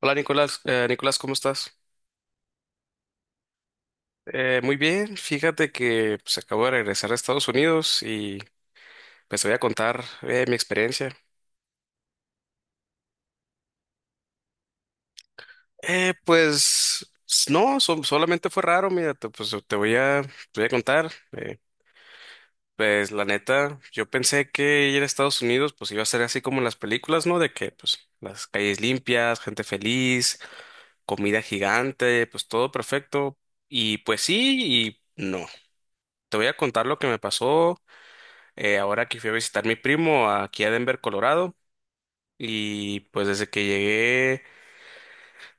Hola Nicolás, Nicolás, ¿cómo estás? Muy bien, fíjate que pues, acabo de regresar a Estados Unidos y pues te voy a contar mi experiencia. Pues no, solamente fue raro, mira, pues te voy a contar. Pues la neta, yo pensé que ir a Estados Unidos pues iba a ser así como en las películas, ¿no? De que pues las calles limpias, gente feliz, comida gigante, pues todo perfecto. Y pues sí y no. Te voy a contar lo que me pasó. Ahora que fui a visitar a mi primo aquí a Denver, Colorado, y pues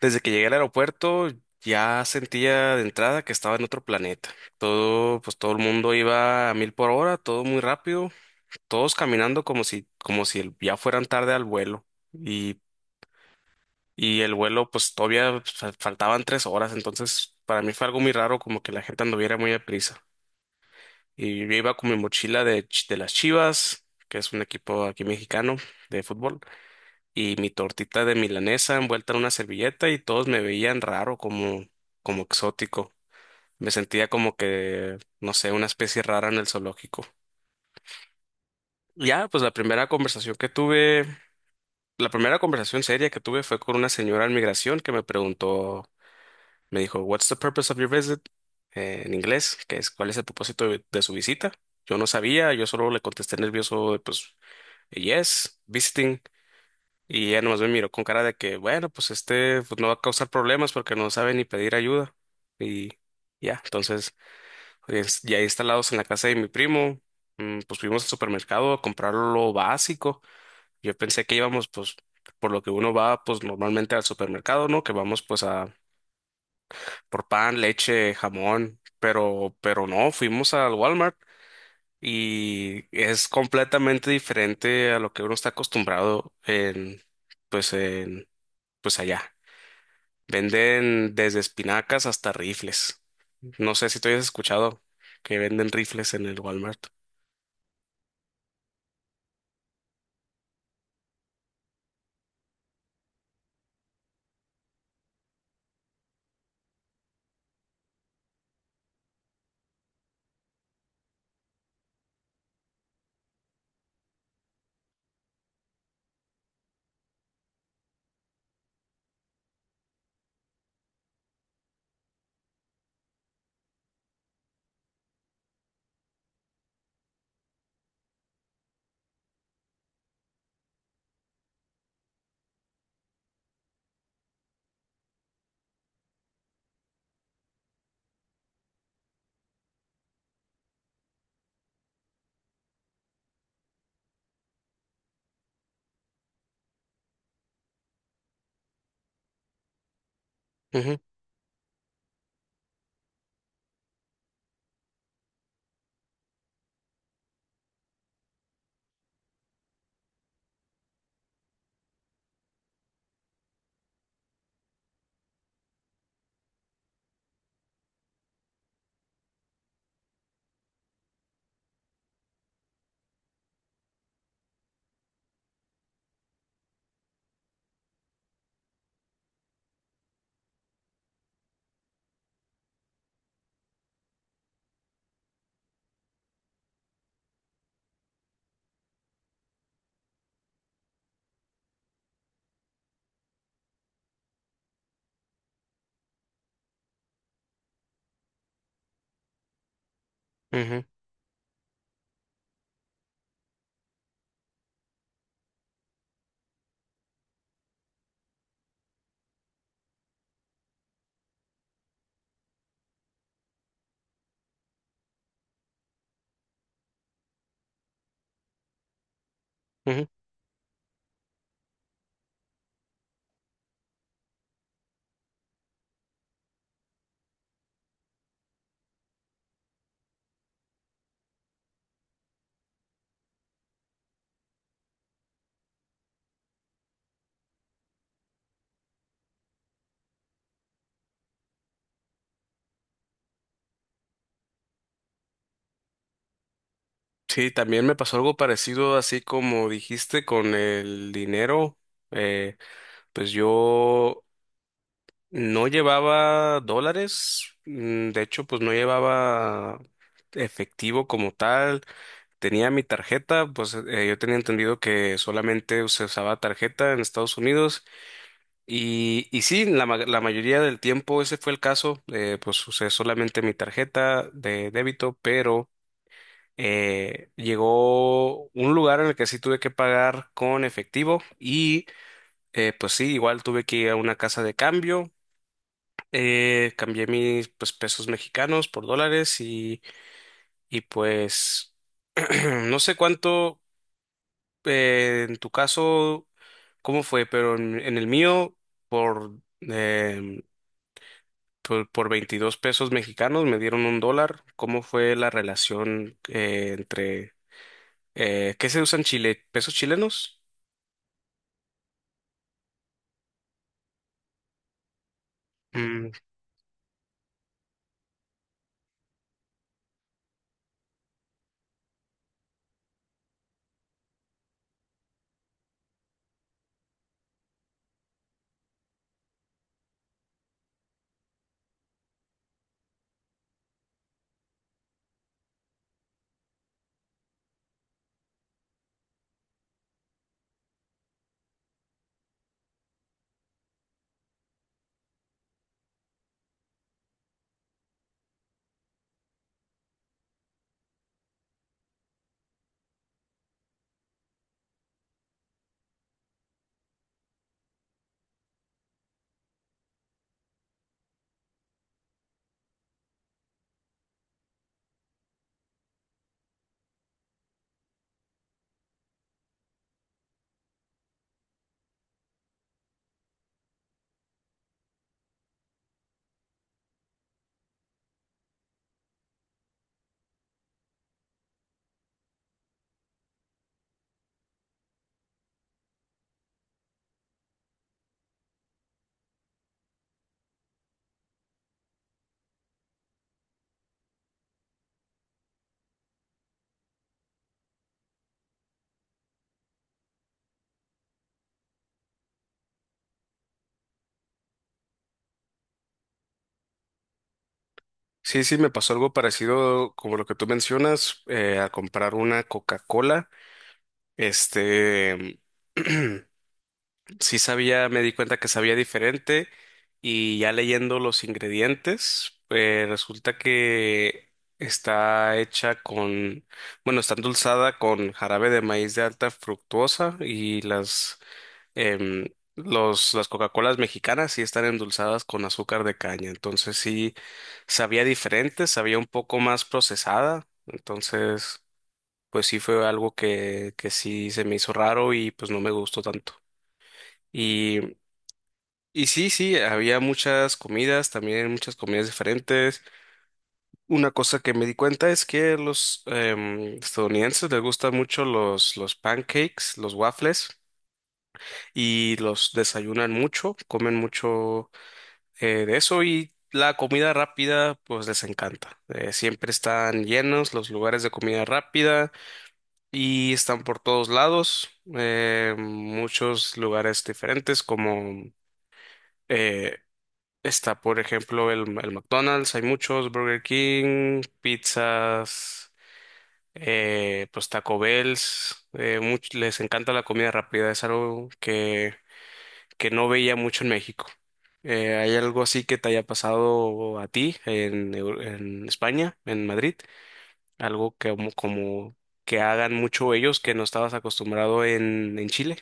desde que llegué al aeropuerto, ya sentía de entrada que estaba en otro planeta. Todo, pues todo el mundo iba a mil por hora, todo muy rápido, todos caminando como si ya fueran tarde al vuelo. Y, y el vuelo, pues todavía faltaban 3 horas, entonces para mí fue algo muy raro, como que la gente anduviera muy deprisa. Y yo iba con mi mochila de las Chivas, que es un equipo aquí mexicano de fútbol. Y mi tortita de milanesa envuelta en una servilleta y todos me veían raro, como exótico. Me sentía como que, no sé, una especie rara en el zoológico. Ya, pues la primera conversación que tuve, la primera conversación seria que tuve fue con una señora en migración que me preguntó, me dijo, "What's the purpose of your visit?" En inglés, que es cuál es el propósito de su visita. Yo no sabía, yo solo le contesté nervioso, pues, yes, visiting. Y ella nomás me miró con cara de que, bueno, pues este pues no va a causar problemas porque no sabe ni pedir ayuda. Y ya, entonces, pues, ya instalados en la casa de mi primo, pues fuimos al supermercado a comprar lo básico. Yo pensé que íbamos, pues, por lo que uno va, pues normalmente al supermercado, ¿no? Que vamos, pues, a por pan, leche, jamón, pero no, fuimos al Walmart. Y es completamente diferente a lo que uno está acostumbrado en pues allá. Venden desde espinacas hasta rifles. No sé si tú hayas escuchado que venden rifles en el Walmart. Ujú, ujú, ujú. Sí, también me pasó algo parecido, así como dijiste, con el dinero. Eh, pues yo no llevaba dólares, de hecho, pues no llevaba efectivo como tal. Tenía mi tarjeta, pues yo tenía entendido que solamente se usaba tarjeta en Estados Unidos. Y sí, la mayoría del tiempo ese fue el caso. Pues usé solamente mi tarjeta de débito, pero llegó un lugar en el que sí tuve que pagar con efectivo y pues sí, igual tuve que ir a una casa de cambio. Cambié mis pues, pesos mexicanos por dólares y pues no sé cuánto en tu caso, cómo fue, pero en el mío por... em, por 22 pesos mexicanos me dieron un dólar. ¿Cómo fue la relación entre... ¿Qué se usa en Chile? ¿Pesos chilenos? Mm, sí, sí, me pasó algo parecido como lo que tú mencionas, a comprar una Coca-Cola. Este... sí sabía, me di cuenta que sabía diferente y ya leyendo los ingredientes, resulta que está hecha con, bueno, está endulzada con jarabe de maíz de alta fructuosa y em, las Coca-Colas mexicanas sí están endulzadas con azúcar de caña. Entonces sí sabía diferente, sabía un poco más procesada. Entonces, pues sí fue algo que sí se me hizo raro y pues no me gustó tanto. Y y sí, sí, había muchas comidas, también muchas comidas diferentes. Una cosa que me di cuenta es que los estadounidenses les gustan mucho los pancakes, los waffles, y los desayunan mucho, comen mucho de eso y la comida rápida pues les encanta. Siempre están llenos los lugares de comida rápida y están por todos lados, muchos lugares diferentes como... eh, Está, por ejemplo, el McDonald's, hay muchos, Burger King, pizzas, pues Taco Bells, les encanta la comida rápida, es algo que no veía mucho en México. ¿Hay algo así que te haya pasado a ti en, en España, en Madrid? Algo que como que hagan mucho ellos que no estabas acostumbrado en Chile.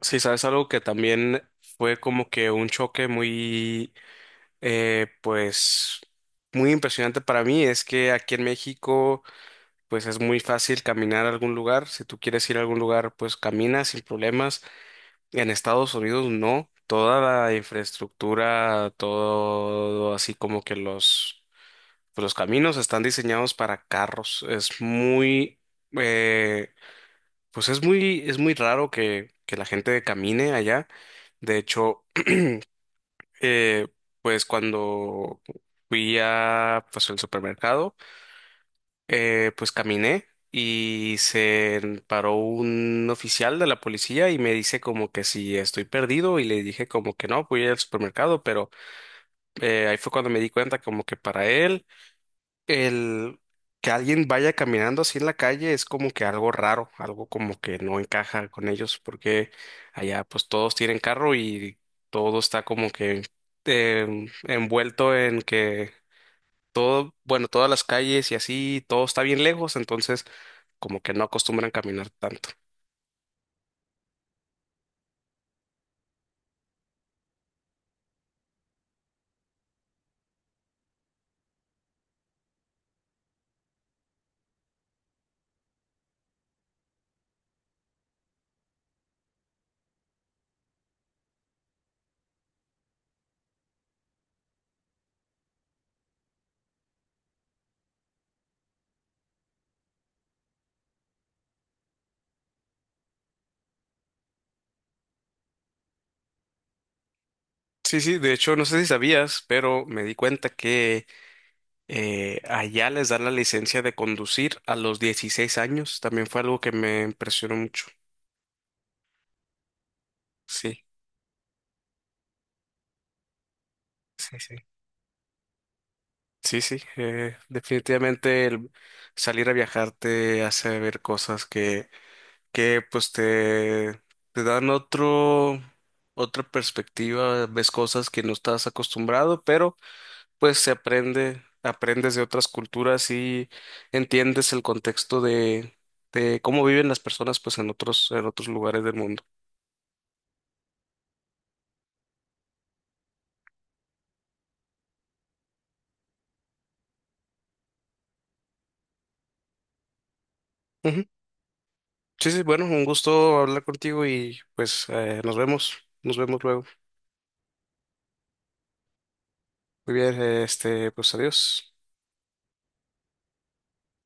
Sí, sabes, algo que también fue como que un choque Eh, pues muy impresionante para mí es que aquí en México pues es muy fácil caminar a algún lugar. Si tú quieres ir a algún lugar pues caminas sin problemas. En Estados Unidos no. Toda la infraestructura, todo así como que los caminos están diseñados para carros. Es muy, eh, pues es muy raro que la gente camine allá. De hecho, eh, pues cuando fui a pues el supermercado, pues caminé y se paró un oficial de la policía y me dice como que si estoy perdido y le dije como que no, fui al supermercado, pero ahí fue cuando me di cuenta como que para él. El que alguien vaya caminando así en la calle es como que algo raro, algo como que no encaja con ellos, porque allá pues todos tienen carro y todo está como que envuelto en que todo, bueno, todas las calles y así, todo está bien lejos, entonces como que no acostumbran caminar tanto. Sí, sí, de hecho no sé si sabías, pero me di cuenta que allá les dan la licencia de conducir a los 16 años, también fue algo que me impresionó mucho. Sí. Sí, sí. Sí, sí, definitivamente el salir a viajar te hace ver cosas que pues te dan otro, otra perspectiva, ves cosas que no estás acostumbrado, pero pues se aprende, aprendes de otras culturas y entiendes el contexto de cómo viven las personas pues en otros lugares del mundo. Ujú. Sí, sí, bueno, un gusto hablar contigo y pues nos vemos luego. Muy bien, este, pues adiós.